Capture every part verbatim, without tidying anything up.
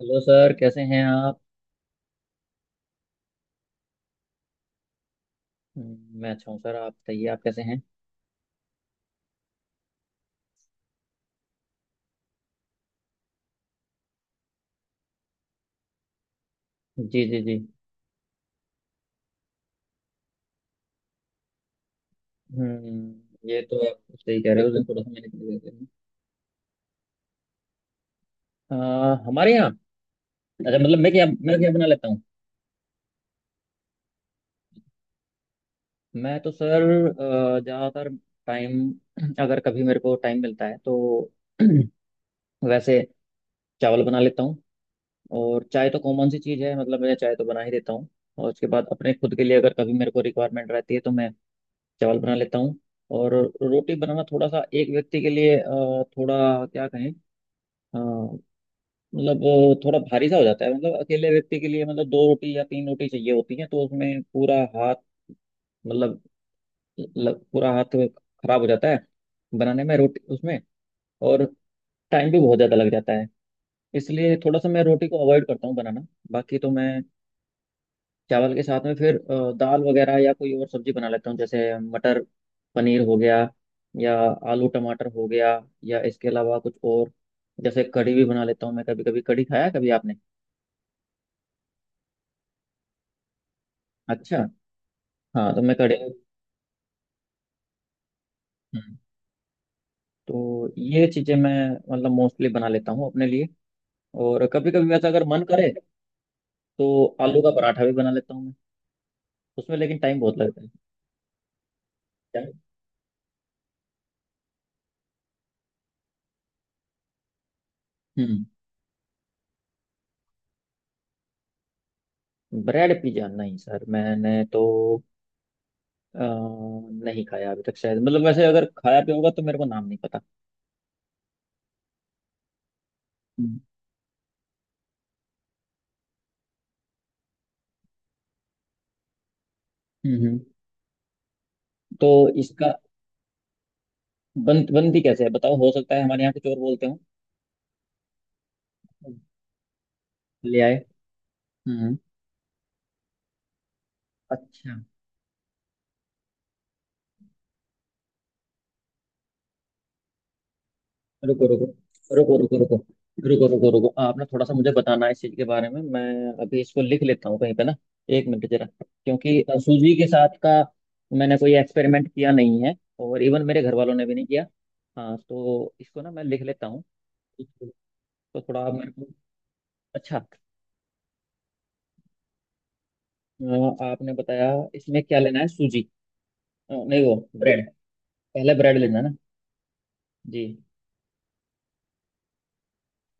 Hello sir, कैसे हैं आप। हम्म, मैं अच्छा हूँ सर, आप बताइए आप कैसे हैं। जी जी जी। हम्म ये तो आप सही कह रहे हो, उस दिन थोड़ा सा मैंने कर दिया था। अ, हमारे यहाँ अच्छा, मतलब मैं क्या मैं क्या बना लेता हूँ। मैं तो सर अ, ज़्यादातर टाइम अगर कभी मेरे को टाइम मिलता है तो वैसे चावल बना लेता हूँ। और चाय तो कॉमन सी चीज़ है, मतलब मैं चाय तो बना ही देता हूँ। और उसके बाद अपने खुद के लिए अगर कभी मेरे को रिक्वायरमेंट रहती है तो मैं चावल बना लेता हूँ। और रोटी बनाना थोड़ा सा एक व्यक्ति के लिए अ, थोड़ा क्या कहें, अ, मतलब अ, थोड़ा भारी सा हो जाता है। मतलब अकेले व्यक्ति के लिए, मतलब दो रोटी या तीन रोटी चाहिए होती है, तो उसमें पूरा हाथ, मतलब ल, पूरा हाथ खराब हो जाता है बनाने में रोटी, उसमें। और टाइम भी बहुत ज़्यादा लग जाता है, इसलिए थोड़ा सा मैं रोटी को अवॉइड करता हूँ बनाना। बाकी तो मैं चावल के साथ में फिर अ, दाल वगैरह या कोई और सब्जी बना लेता हूँ। जैसे मटर पनीर हो गया, या आलू टमाटर हो गया, या इसके अलावा कुछ और, जैसे कढ़ी भी बना लेता हूँ मैं कभी कभी। कढ़ी खाया है कभी आपने। अच्छा। हाँ, तो मैं कढ़ी। हम्म, तो ये चीज़ें मैं मतलब मोस्टली बना लेता हूँ अपने लिए। और कभी कभी वैसा अगर मन करे तो आलू का पराठा भी बना लेता हूँ मैं। उसमें लेकिन टाइम बहुत लगता है। क्या? हम्म ब्रेड पिज्जा नहीं सर, मैंने तो अ, नहीं खाया अभी तक शायद। मतलब वैसे अगर खाया भी होगा तो मेरे को नाम नहीं पता। हम्म हम्म। तो इसका बन, बनती कैसे है बताओ, हो सकता है हमारे यहाँ कुछ और बोलते हो। ले आए। हम्म। अच्छा। रुको रुको रुको, रुको रुको रुको, रुको रुको। आपने थोड़ा सा मुझे बताना है इस चीज के बारे में। मैं अभी इसको लिख लेता हूँ कहीं पे ना, एक मिनट जरा, क्योंकि अ, सूजी के साथ का मैंने कोई एक्सपेरिमेंट किया नहीं है, और इवन मेरे घर वालों ने भी नहीं किया। हाँ, तो इसको ना मैं लिख लेता हूँ। तो थोड़ा आप मेरे को। अच्छा, अ, आपने बताया इसमें क्या लेना है, सूजी? अ, नहीं वो ब्रेड, पहले ब्रेड लेना है ना। जी।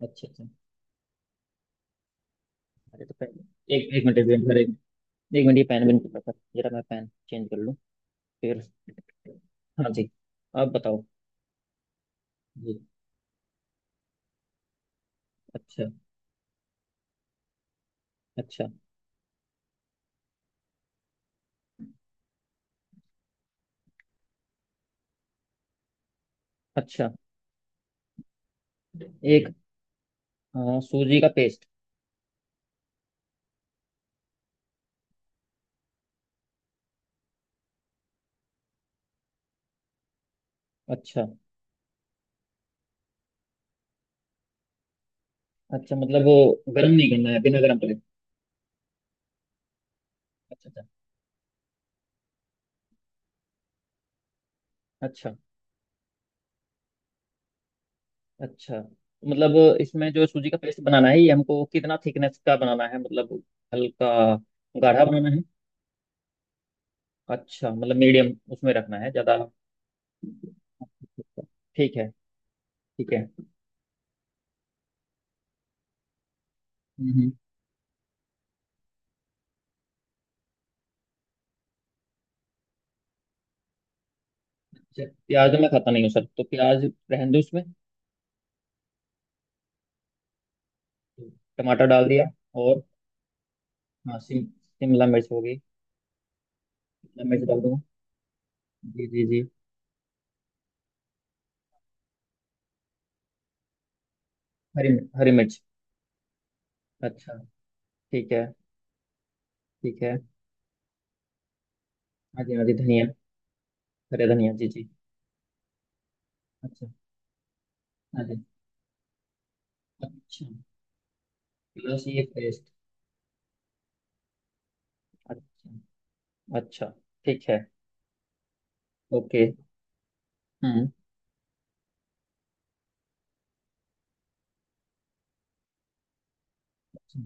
अच्छा अच्छा। अरे तो पहले एक, एक मिनट, एक मिनट, फिर एक एक मिनट ये पेन बन के, जरा मैं पेन चेंज कर लूँ फिर। हाँ जी, आप बताओ। जी। अच्छा अच्छा अच्छा। एक हाँ, सूजी का पेस्ट। अच्छा, अच्छा मतलब वो गर्म नहीं करना है, बिना गर्म करे? अच्छा अच्छा। अच्छा अच्छा। मतलब इसमें जो सूजी का पेस्ट बनाना है, ये हमको कितना थिकनेस का बनाना है? मतलब हल्का गाढ़ा बनाना। अच्छा, मतलब मीडियम उसमें रखना है ज्यादा। ठीक है। ठीक है। हम्म। अच्छा, प्याज तो मैं खाता नहीं हूँ सर, तो प्याज रहने दो उसमें। टमाटर डाल दिया। और हाँ, शिम शिमला मिर्च होगी। शिमला मिर्च डाल दूंगा। जी जी जी। हरी मिर्च, हरी मिर्च। अच्छा। ठीक है। ठीक है। हाँ जी, हाँ जी, धनिया। हरे धनिया, जी जी। अच्छा। हाँ जी। अच्छा। प्लस ये पेस्ट। अच्छा अच्छा। ठीक है। ओके। हम्म। अच्छा,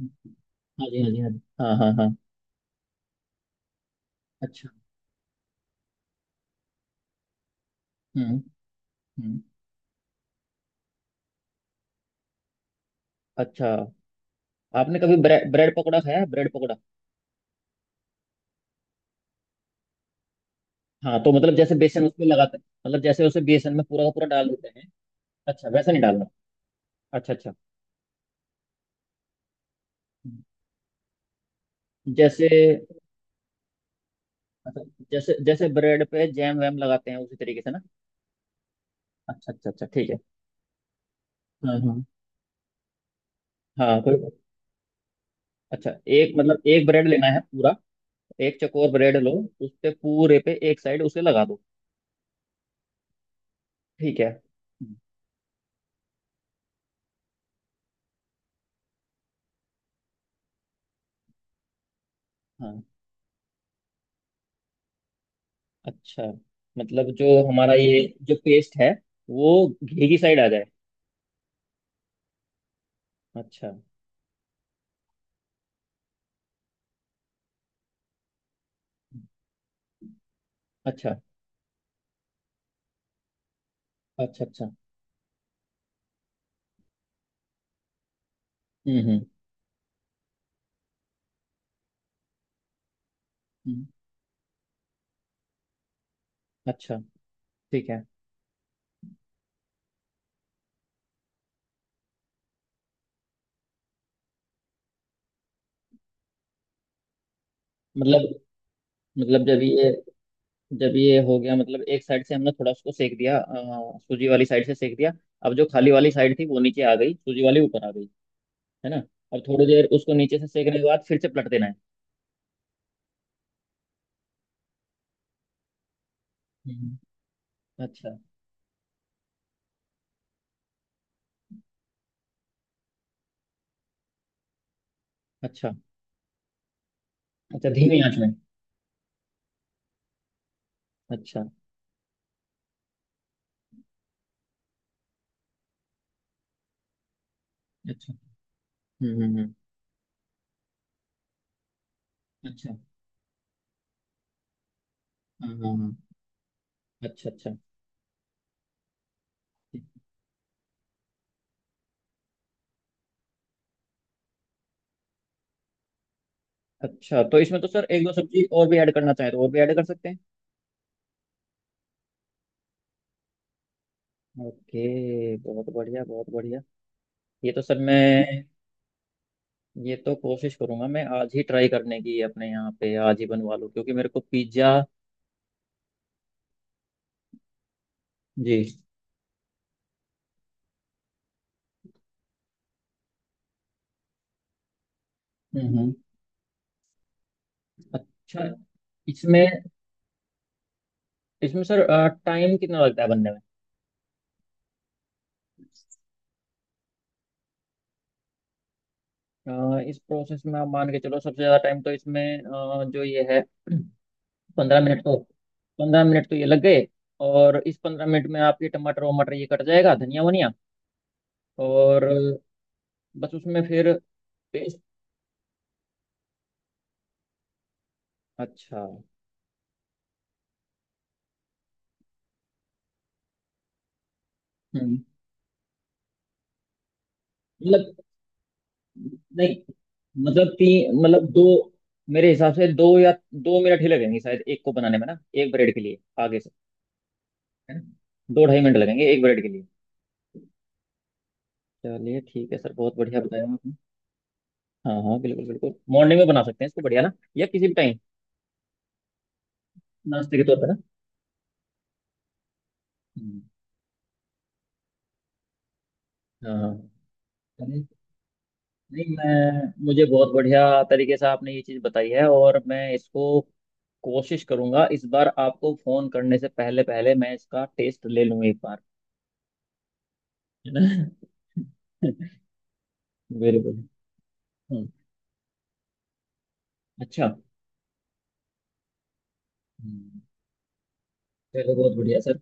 हम्म, हाँ जी, हाँ जी, हाँ जी, हाँ हाँ हाँ। अच्छा। हम्म हम्म। अच्छा। आपने कभी ब्रेड ब्रेड पकौड़ा खाया है, ब्रेड पकौड़ा? हाँ तो मतलब जैसे बेसन उसमें लगाते हैं, मतलब जैसे उसे बेसन में पूरा का पूरा डाल देते हैं। अच्छा, वैसा नहीं डालना। अच्छा अच्छा। जैसे अच्छा, जैसे जैसे ब्रेड पे जैम वैम लगाते हैं उसी तरीके से ना। अच्छा अच्छा अच्छा, ठीक है। हाँ हाँ। हाँ कोई बात-। अच्छा, एक मतलब एक ब्रेड लेना है पूरा, एक चकोर ब्रेड लो, उस पे पूरे पे एक साइड उसे लगा दो। ठीक है, हम्म, हाँ। अच्छा, मतलब जो हमारा ये जो पेस्ट है, वो घी की साइड आ जाए। अच्छा। अच्छा अच्छा। अच्छा, हम्म हम्म हम्म, अच्छा। ठीक है। मतलब मतलब जब ये जब ये हो गया, मतलब एक साइड से हमने थोड़ा उसको सेक दिया, अ, सूजी वाली साइड से सेक दिया, अब जो खाली वाली साइड थी वो नीचे आ गई, सूजी वाली ऊपर आ गई, है ना। अब थोड़ी देर उसको नीचे से सेकने के बाद फिर से पलट देना है। हम्म, अच्छा। अच्छा, अच्छा धीमी आंच में। अच्छा। अच्छा, हम्म हम्म हम्म, अच्छा। हाँ हाँ हाँ, अच्छा अच्छा। ठीक। अच्छा, तो इसमें तो सर एक दो सब्जी और भी ऐड करना चाहे तो और भी ऐड कर सकते हैं। ओके, बहुत बढ़िया, बहुत बढ़िया। ये तो सर मैं ये तो कोशिश करूंगा, मैं आज ही ट्राई करने की अपने यहाँ पे आज ही बनवा लूँ, क्योंकि मेरे को पिज्ज़ा। जी। हम्म हम्म। अच्छा, इसमें इसमें सर टाइम कितना लगता है बनने में? अ, इस प्रोसेस में आप मान के चलो सबसे ज़्यादा टाइम तो इसमें अ, जो ये है पंद्रह मिनट तो, पंद्रह मिनट तो ये लग गए। और इस पंद्रह मिनट में आपके टमाटर वमाटर ये कट जाएगा, धनिया वनिया, और बस उसमें फिर पेस्ट। अच्छा। हम्म। मतलब नहीं, मतलब तीन, मतलब दो। मेरे हिसाब से दो या दो मिनट ही लगेंगे शायद एक को बनाने में ना, एक ब्रेड के लिए, आगे से, है ना। दो ढाई मिनट लगेंगे एक ब्रेड के लिए। चलिए ठीक है सर, बहुत बढ़िया बताया आपने। हाँ हाँ, बिल्कुल बिल्कुल, मॉर्निंग में बना सकते हैं इसको, बढ़िया ना, या किसी भी टाइम। नाश्ते के तौर पर ना। हम्म, हाँ हाँ। चलिए, नहीं मैं मुझे बहुत बढ़िया तरीके से आपने ये चीज़ बताई है, और मैं इसको कोशिश करूंगा इस बार। आपको फोन करने से पहले पहले मैं इसका टेस्ट ले लूँ एक बार, है ना। Very good. हम्म, अच्छा। हम्म, चलो बहुत बढ़िया सर।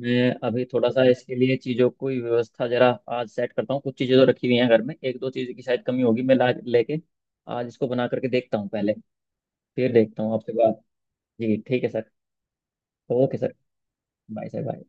मैं अभी थोड़ा सा इसके लिए चीज़ों की व्यवस्था जरा आज सेट करता हूँ। कुछ चीज़ें तो रखी हुई हैं घर में, एक दो चीज़ की शायद कमी होगी, मैं ला लेके आज इसको बना करके देखता हूँ पहले। फिर देखता हूँ आपसे बात। जी ठीक है sir. Okay sir, bye sir. Bye.